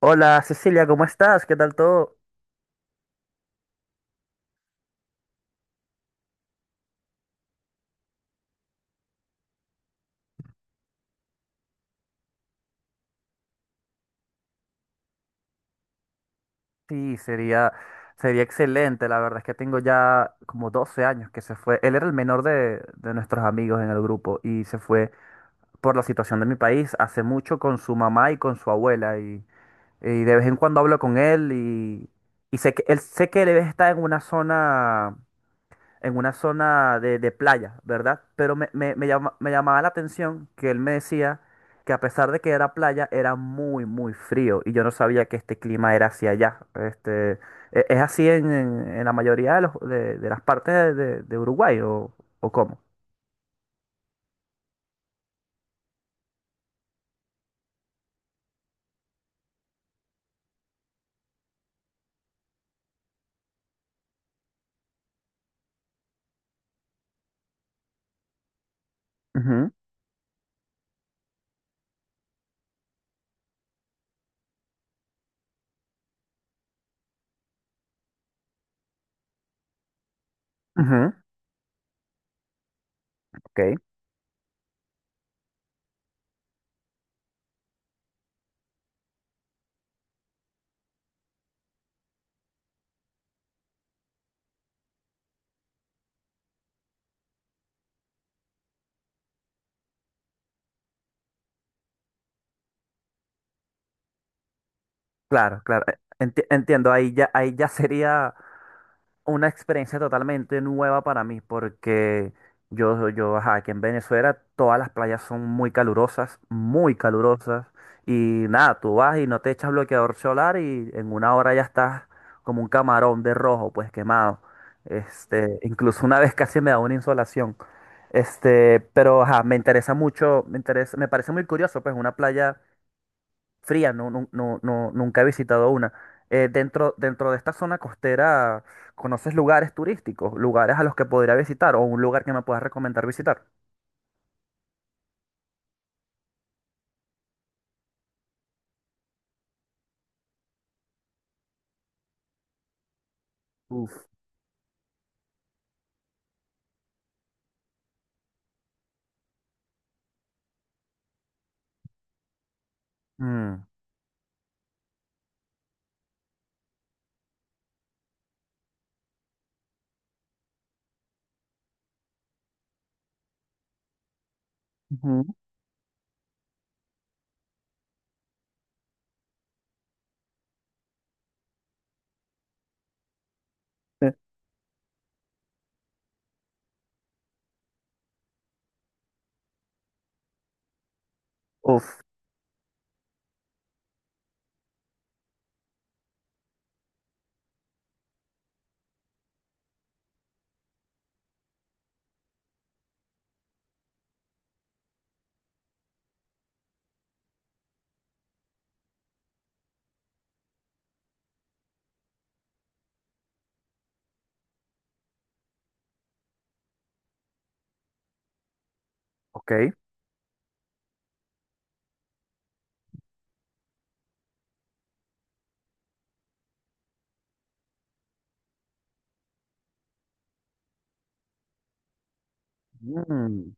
Hola Cecilia, ¿cómo estás? ¿Qué tal todo? Sí, sería, sería excelente. La verdad es que tengo ya como 12 años que se fue. Él era el menor de nuestros amigos en el grupo y se fue por la situación de mi país hace mucho con su mamá y con su abuela. Y de vez en cuando hablo con él. Y sé que él está en una zona de playa, ¿verdad? Pero me llamaba la atención que él me decía que a pesar de que era playa, era muy frío y yo no sabía que este clima era hacia allá. ¿es así en la mayoría de las partes de Uruguay o cómo? Ujú. Ujú. Ok. Claro, claro. Entiendo, ahí ya sería una experiencia totalmente nueva para mí, porque ajá, aquí en Venezuela todas las playas son muy calurosas, y nada, tú vas y no te echas bloqueador solar y en una hora ya estás como un camarón de rojo, pues quemado. Incluso una vez casi me da una insolación. Pero ajá, me interesa mucho, me interesa, me parece muy curioso, pues una playa fría, no, no, nunca he visitado una. Dentro de esta zona costera, ¿conoces lugares turísticos? ¿Lugares a los que podría visitar o un lugar que me puedas recomendar visitar? Uf. Mm. Ujú. Eh, Uf. Ok. Mm.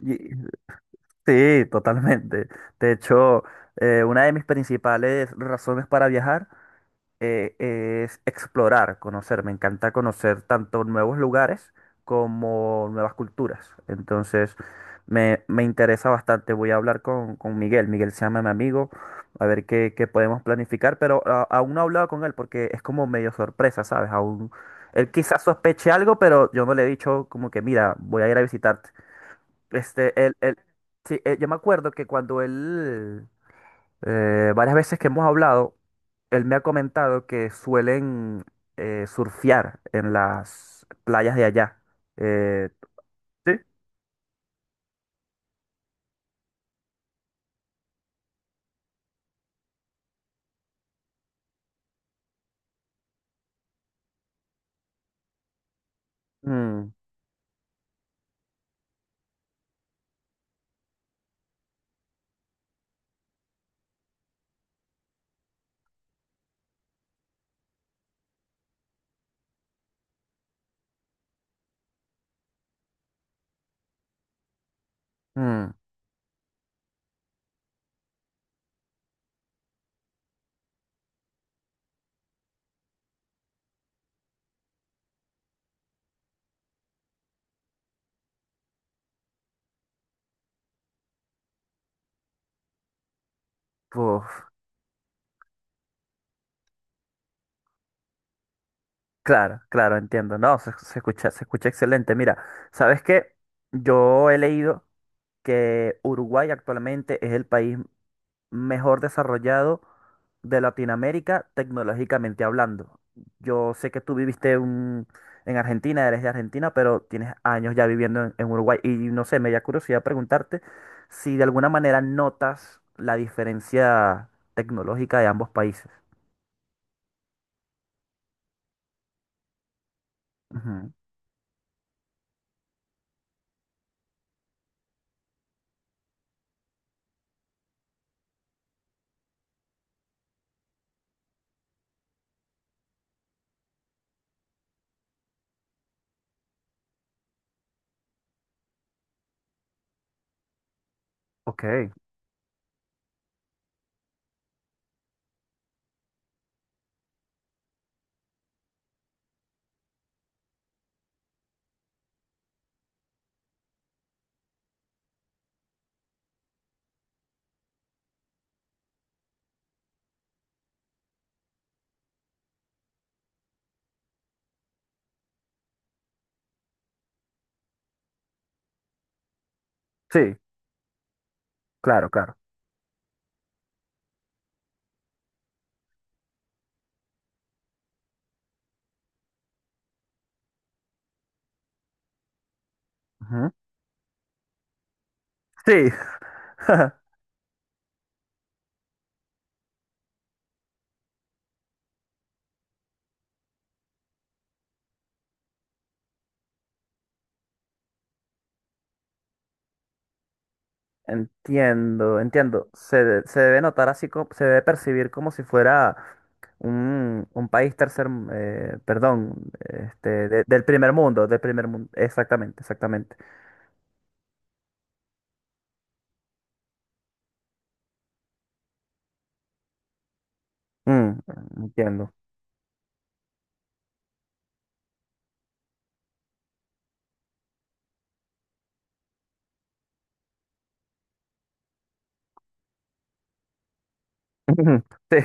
Y- sí, totalmente. De hecho, una de mis principales razones para viajar eh, es explorar, conocer. Me encanta conocer tanto nuevos lugares como nuevas culturas. Entonces, me interesa bastante. Voy a hablar con Miguel. Miguel se llama mi amigo, a ver qué podemos planificar, pero aún no he hablado con él porque es como medio sorpresa, ¿sabes? Aún él quizás sospeche algo, pero yo no le he dicho como que, mira, voy a ir a visitarte. Él, sí, yo me acuerdo que cuando él, varias veces que hemos hablado, él me ha comentado que suelen surfear en las playas de allá. Eh. Sí. Mm. Mm. Uf. Claro, claro, entiendo. No, se escucha excelente. Mira, ¿sabes qué? Yo he leído que Uruguay actualmente es el país mejor desarrollado de Latinoamérica tecnológicamente hablando. Yo sé que tú en Argentina, eres de Argentina, pero tienes años ya viviendo en Uruguay y no sé, me da curiosidad preguntarte si de alguna manera notas la diferencia tecnológica de ambos países. Ujú. Ok. Sí, claro, claro. Ujú. Sí. Entiendo, entiendo. Se debe notar así, como, se debe percibir como si fuera un país tercer, perdón, del primer mundo, exactamente, exactamente. Mm. Entiendo. Ujú. Sí,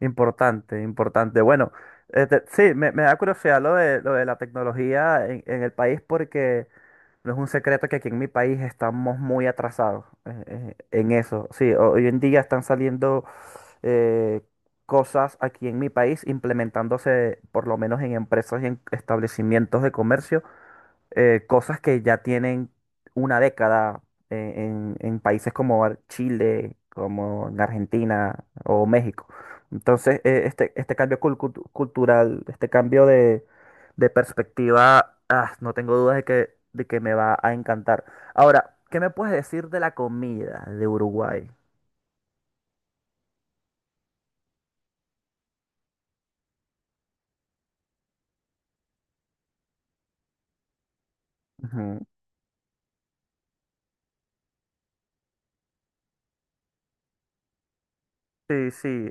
importante, importante. Bueno, sí, me da curiosidad lo lo de la tecnología en el país porque no es un secreto que aquí en mi país estamos muy atrasados en eso. Sí, hoy en día están saliendo eh, cosas aquí en mi país implementándose por lo menos en empresas y en establecimientos de comercio, cosas que ya tienen 1 década en países como Chile, como en Argentina o México. Entonces, este cambio cultural, este cambio de perspectiva, ah, no tengo dudas de de que me va a encantar. Ahora, ¿qué me puedes decir de la comida de Uruguay? Ujú. Sí, sí,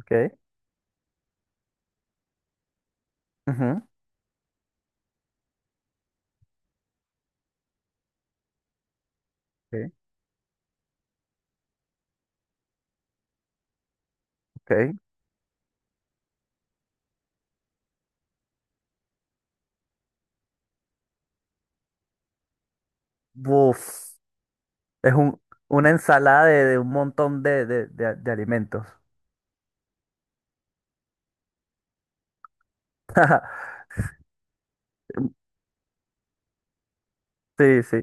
ok. Ujú, ok, ok. Buf, es un, una ensalada de un montón de alimentos. Sí, sí,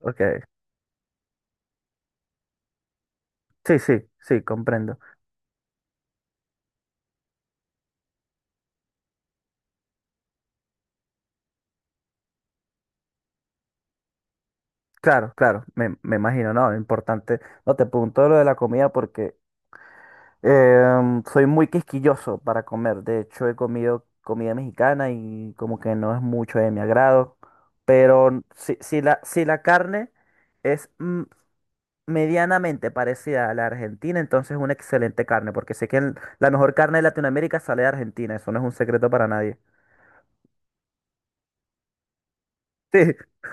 ok. Sí, sí, sí, comprendo. Claro, claro, me imagino, ¿no? Importante. No te pregunto lo de la comida porque em, soy muy quisquilloso para comer. De hecho, he comido comida mexicana y como que no es mucho de mi agrado. Pero si, si la carne es mm, medianamente parecida a la argentina, entonces es una excelente carne, porque sé que la mejor carne de Latinoamérica sale de Argentina. Eso no es un secreto para nadie. Sí,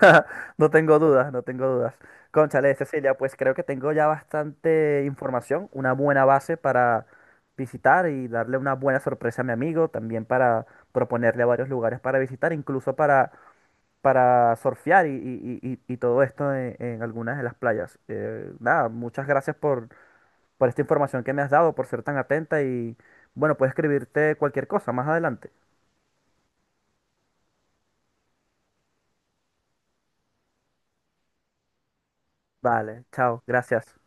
no tengo dudas, no tengo dudas. Cónchale, Cecilia, pues creo que tengo ya bastante información, una buena base para visitar y darle una buena sorpresa a mi amigo, también para proponerle varios lugares para visitar, incluso para surfear y y todo esto en algunas de las playas. Nada, muchas gracias por esta información que me has dado, por ser tan atenta y bueno, puedes escribirte cualquier cosa más adelante. Vale, chao, gracias.